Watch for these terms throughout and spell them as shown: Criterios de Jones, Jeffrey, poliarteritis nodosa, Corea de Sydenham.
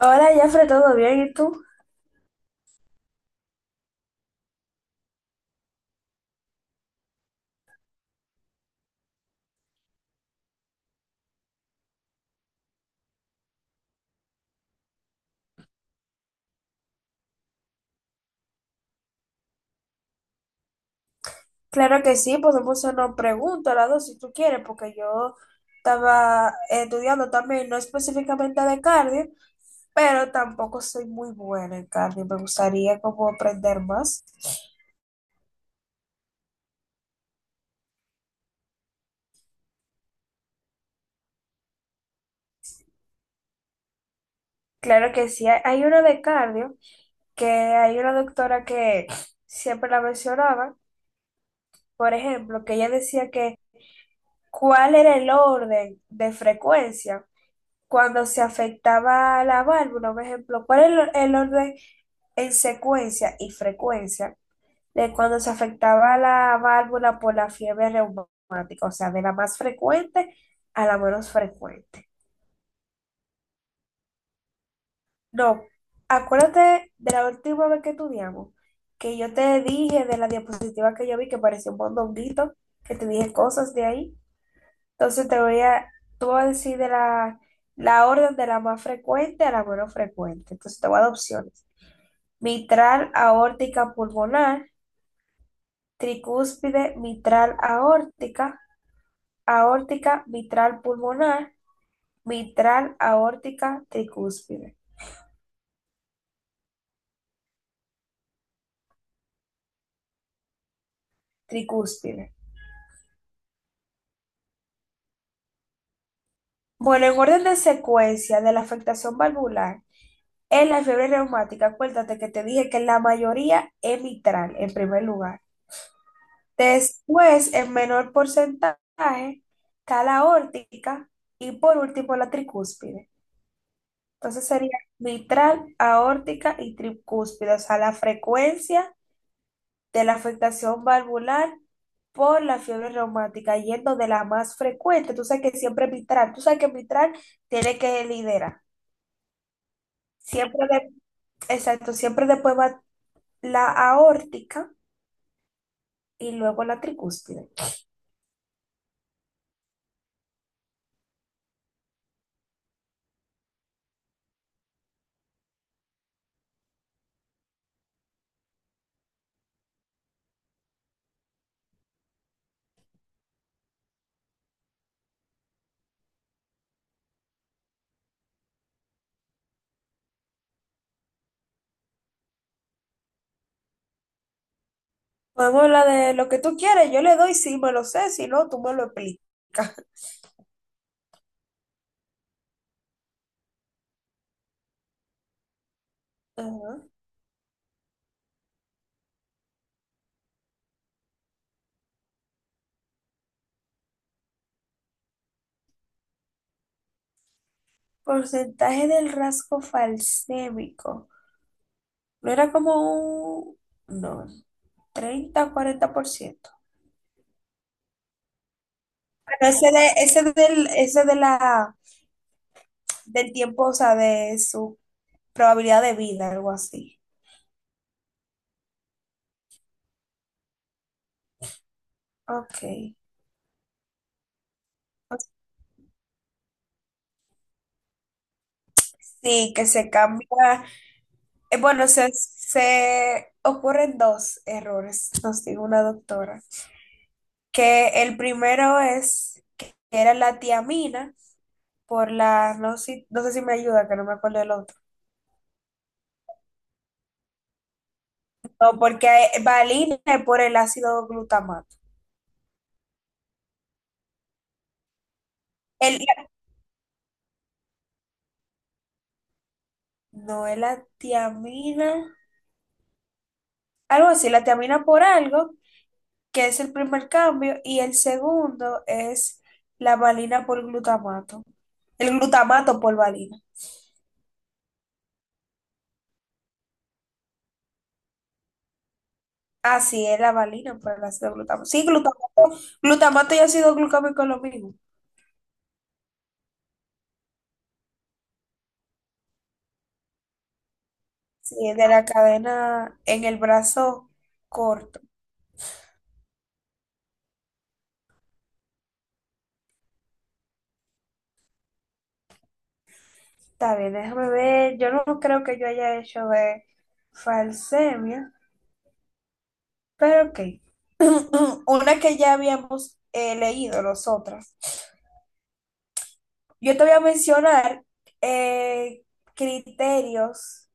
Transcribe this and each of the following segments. Hola, Jeffrey, ¿todo bien? ¿Y tú? Claro que sí, podemos hacernos preguntas las dos si tú quieres, porque yo estaba estudiando también, no específicamente de cardio, pero tampoco soy muy buena en cardio. Me gustaría como aprender más. Claro que sí, hay una de cardio, que hay una doctora que siempre la mencionaba, por ejemplo, que ella decía que cuál era el orden de frecuencia cuando se afectaba la válvula, por ejemplo, cuál era el orden en secuencia y frecuencia de cuando se afectaba la válvula por la fiebre reumática, o sea, de la más frecuente a la menos frecuente. No, acuérdate de la última vez que estudiamos, que yo te dije de la diapositiva que yo vi que parecía un mondonguito, que te dije cosas de ahí. Entonces tú vas a decir de la orden de la más frecuente a la menos frecuente. Entonces te voy a dar opciones. Mitral, aórtica, pulmonar, tricúspide mitral aórtica, aórtica mitral pulmonar, mitral aórtica tricúspide, tricúspide. Bueno, en orden de secuencia de la afectación valvular, en la fiebre reumática, acuérdate que te dije que la mayoría es mitral en primer lugar. Después, en menor porcentaje, está la aórtica y por último la tricúspide. Entonces sería mitral, aórtica y tricúspide, o sea, la frecuencia de la afectación valvular por la fiebre reumática, yendo de la más frecuente. Tú sabes que siempre mitral, tú sabes que mitral tiene que liderar. Siempre, exacto, siempre después va la aórtica y luego la tricúspide. Podemos hablar de lo que tú quieres, yo le doy si me lo sé, si no, tú me lo explicas. Ajá. Porcentaje del rasgo falsémico. No era como un... No, 40%. Pero ese ese ese de del tiempo, o sea, de su probabilidad de vida, algo así. Ok. Sí, que se cambia. Se ocurren dos errores, nos dijo una doctora. Que el primero es que era la tiamina por la, no sé, no sé si me ayuda, que no me acuerdo el otro. No, porque valina es por el ácido glutamato. El, no es la tiamina. Algo así, la tiamina por algo, que es el primer cambio, y el segundo es la valina por glutamato. El glutamato por valina. Ah, sí, es la valina por el ácido glutamato. Sí, glutamato, glutamato y ácido glucámico es lo mismo. Sí, es de la cadena en el brazo corto. Está bien, déjame ver. Yo no creo que yo haya hecho de falsemia, pero ok. Una que ya habíamos leído, los otras. Yo te voy a mencionar eh, criterios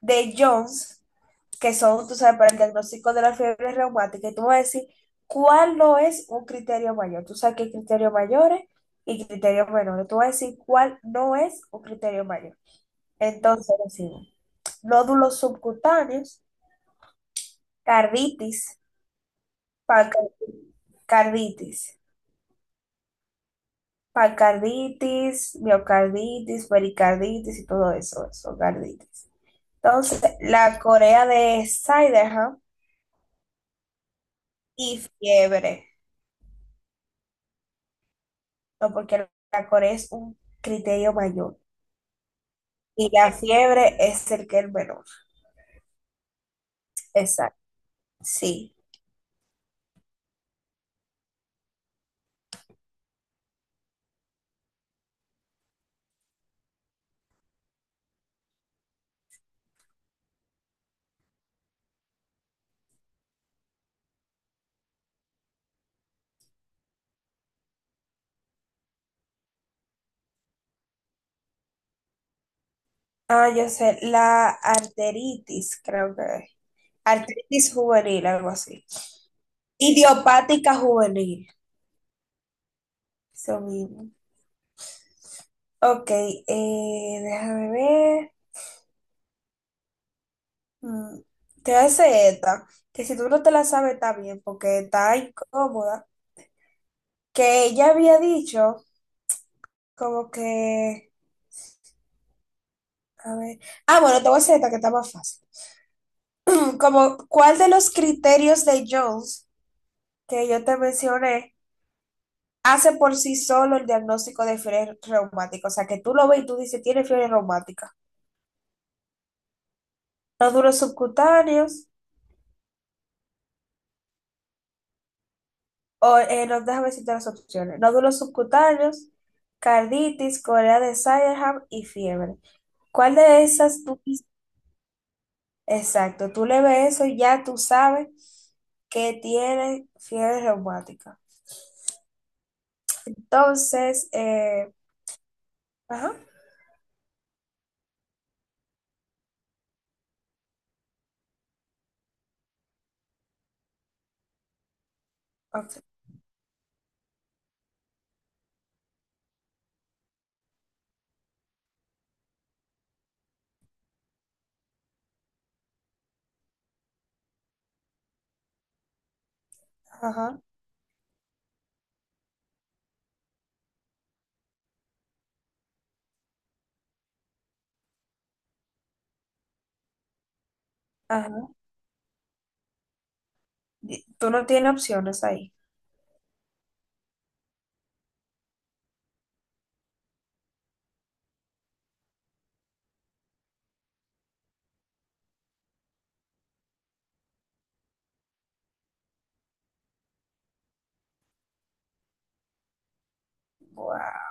de Jones, que son, tú sabes, para el diagnóstico de la fiebre reumática. Y tú me vas a decir cuál no es un criterio mayor. Tú sabes que hay criterios mayores y criterios menores. Tú vas a decir cuál no es un criterio mayor. Entonces, decimos, nódulos subcutáneos, carditis, pancarditis, carditis, pancarditis, miocarditis, pericarditis y todo eso, eso, carditis. Entonces, la Corea de Siderham y fiebre, no, porque la Corea es un criterio mayor y la fiebre es el que es menor. Exacto, sí. Ah, yo sé, la arteritis, creo que es. Arteritis juvenil, algo así. Idiopática juvenil, eso mismo. Ok, déjame ver. Mm, te hace esta, que si tú no te la sabes está bien, porque está incómoda, que ella había dicho. Como que, a ver. Ah, bueno, te voy a hacer esta que está más fácil. Como, ¿cuál de los criterios de Jones que yo te mencioné hace por sí solo el diagnóstico de fiebre reumática? O sea, que tú lo ves y tú dices, tiene fiebre reumática. Nódulos subcutáneos, o no, déjame decirte las opciones. Nódulos subcutáneos, carditis, corea de Sydenham y fiebre. ¿Cuál de esas tú... dices? Exacto, tú le ves eso y ya tú sabes que tiene fiebre reumática. Entonces, ajá, ok, ajá, ajá. Tú no tienes opciones ahí. Wow.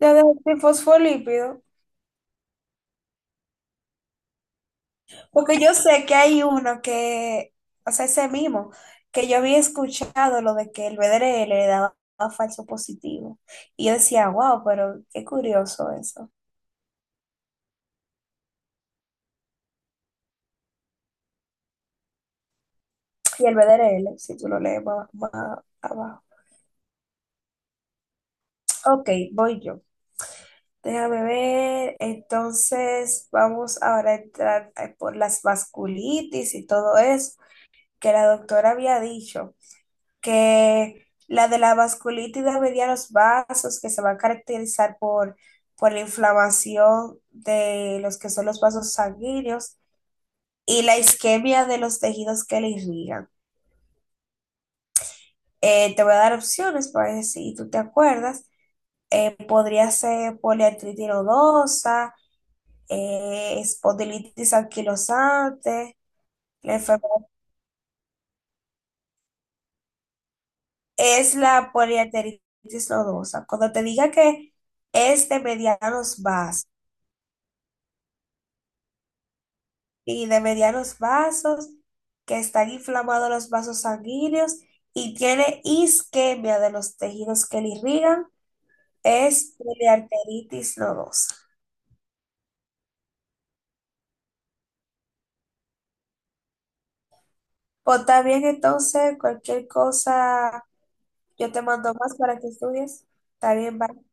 Ya dejé sin fosfolípido. Porque yo sé que hay uno que, o sea, ese mismo, que yo había escuchado lo de que el BDR le daba falso positivo. Y yo decía, wow, pero qué curioso eso. Y el BDRL si tú lo lees más abajo. Ok, voy yo. Déjame ver. Entonces, vamos ahora a entrar por las vasculitis y todo eso, que la doctora había dicho que la de la vasculitis de medianos vasos, que se va a caracterizar por la inflamación de los que son los vasos sanguíneos y la isquemia de los tejidos que le irrigan. Te voy a dar opciones para ver si tú te acuerdas. Podría ser poliartritis nodosa espondilitis anquilosante, la enfermedad es la poliarteritis nodosa. Cuando te diga que es de medianos vasos y de medianos vasos, que están inflamados los vasos sanguíneos y tiene isquemia de los tejidos que le irrigan, es poliarteritis nodosa. Pues está bien, entonces, cualquier cosa, yo te mando más para que estudies. Está bien, bye.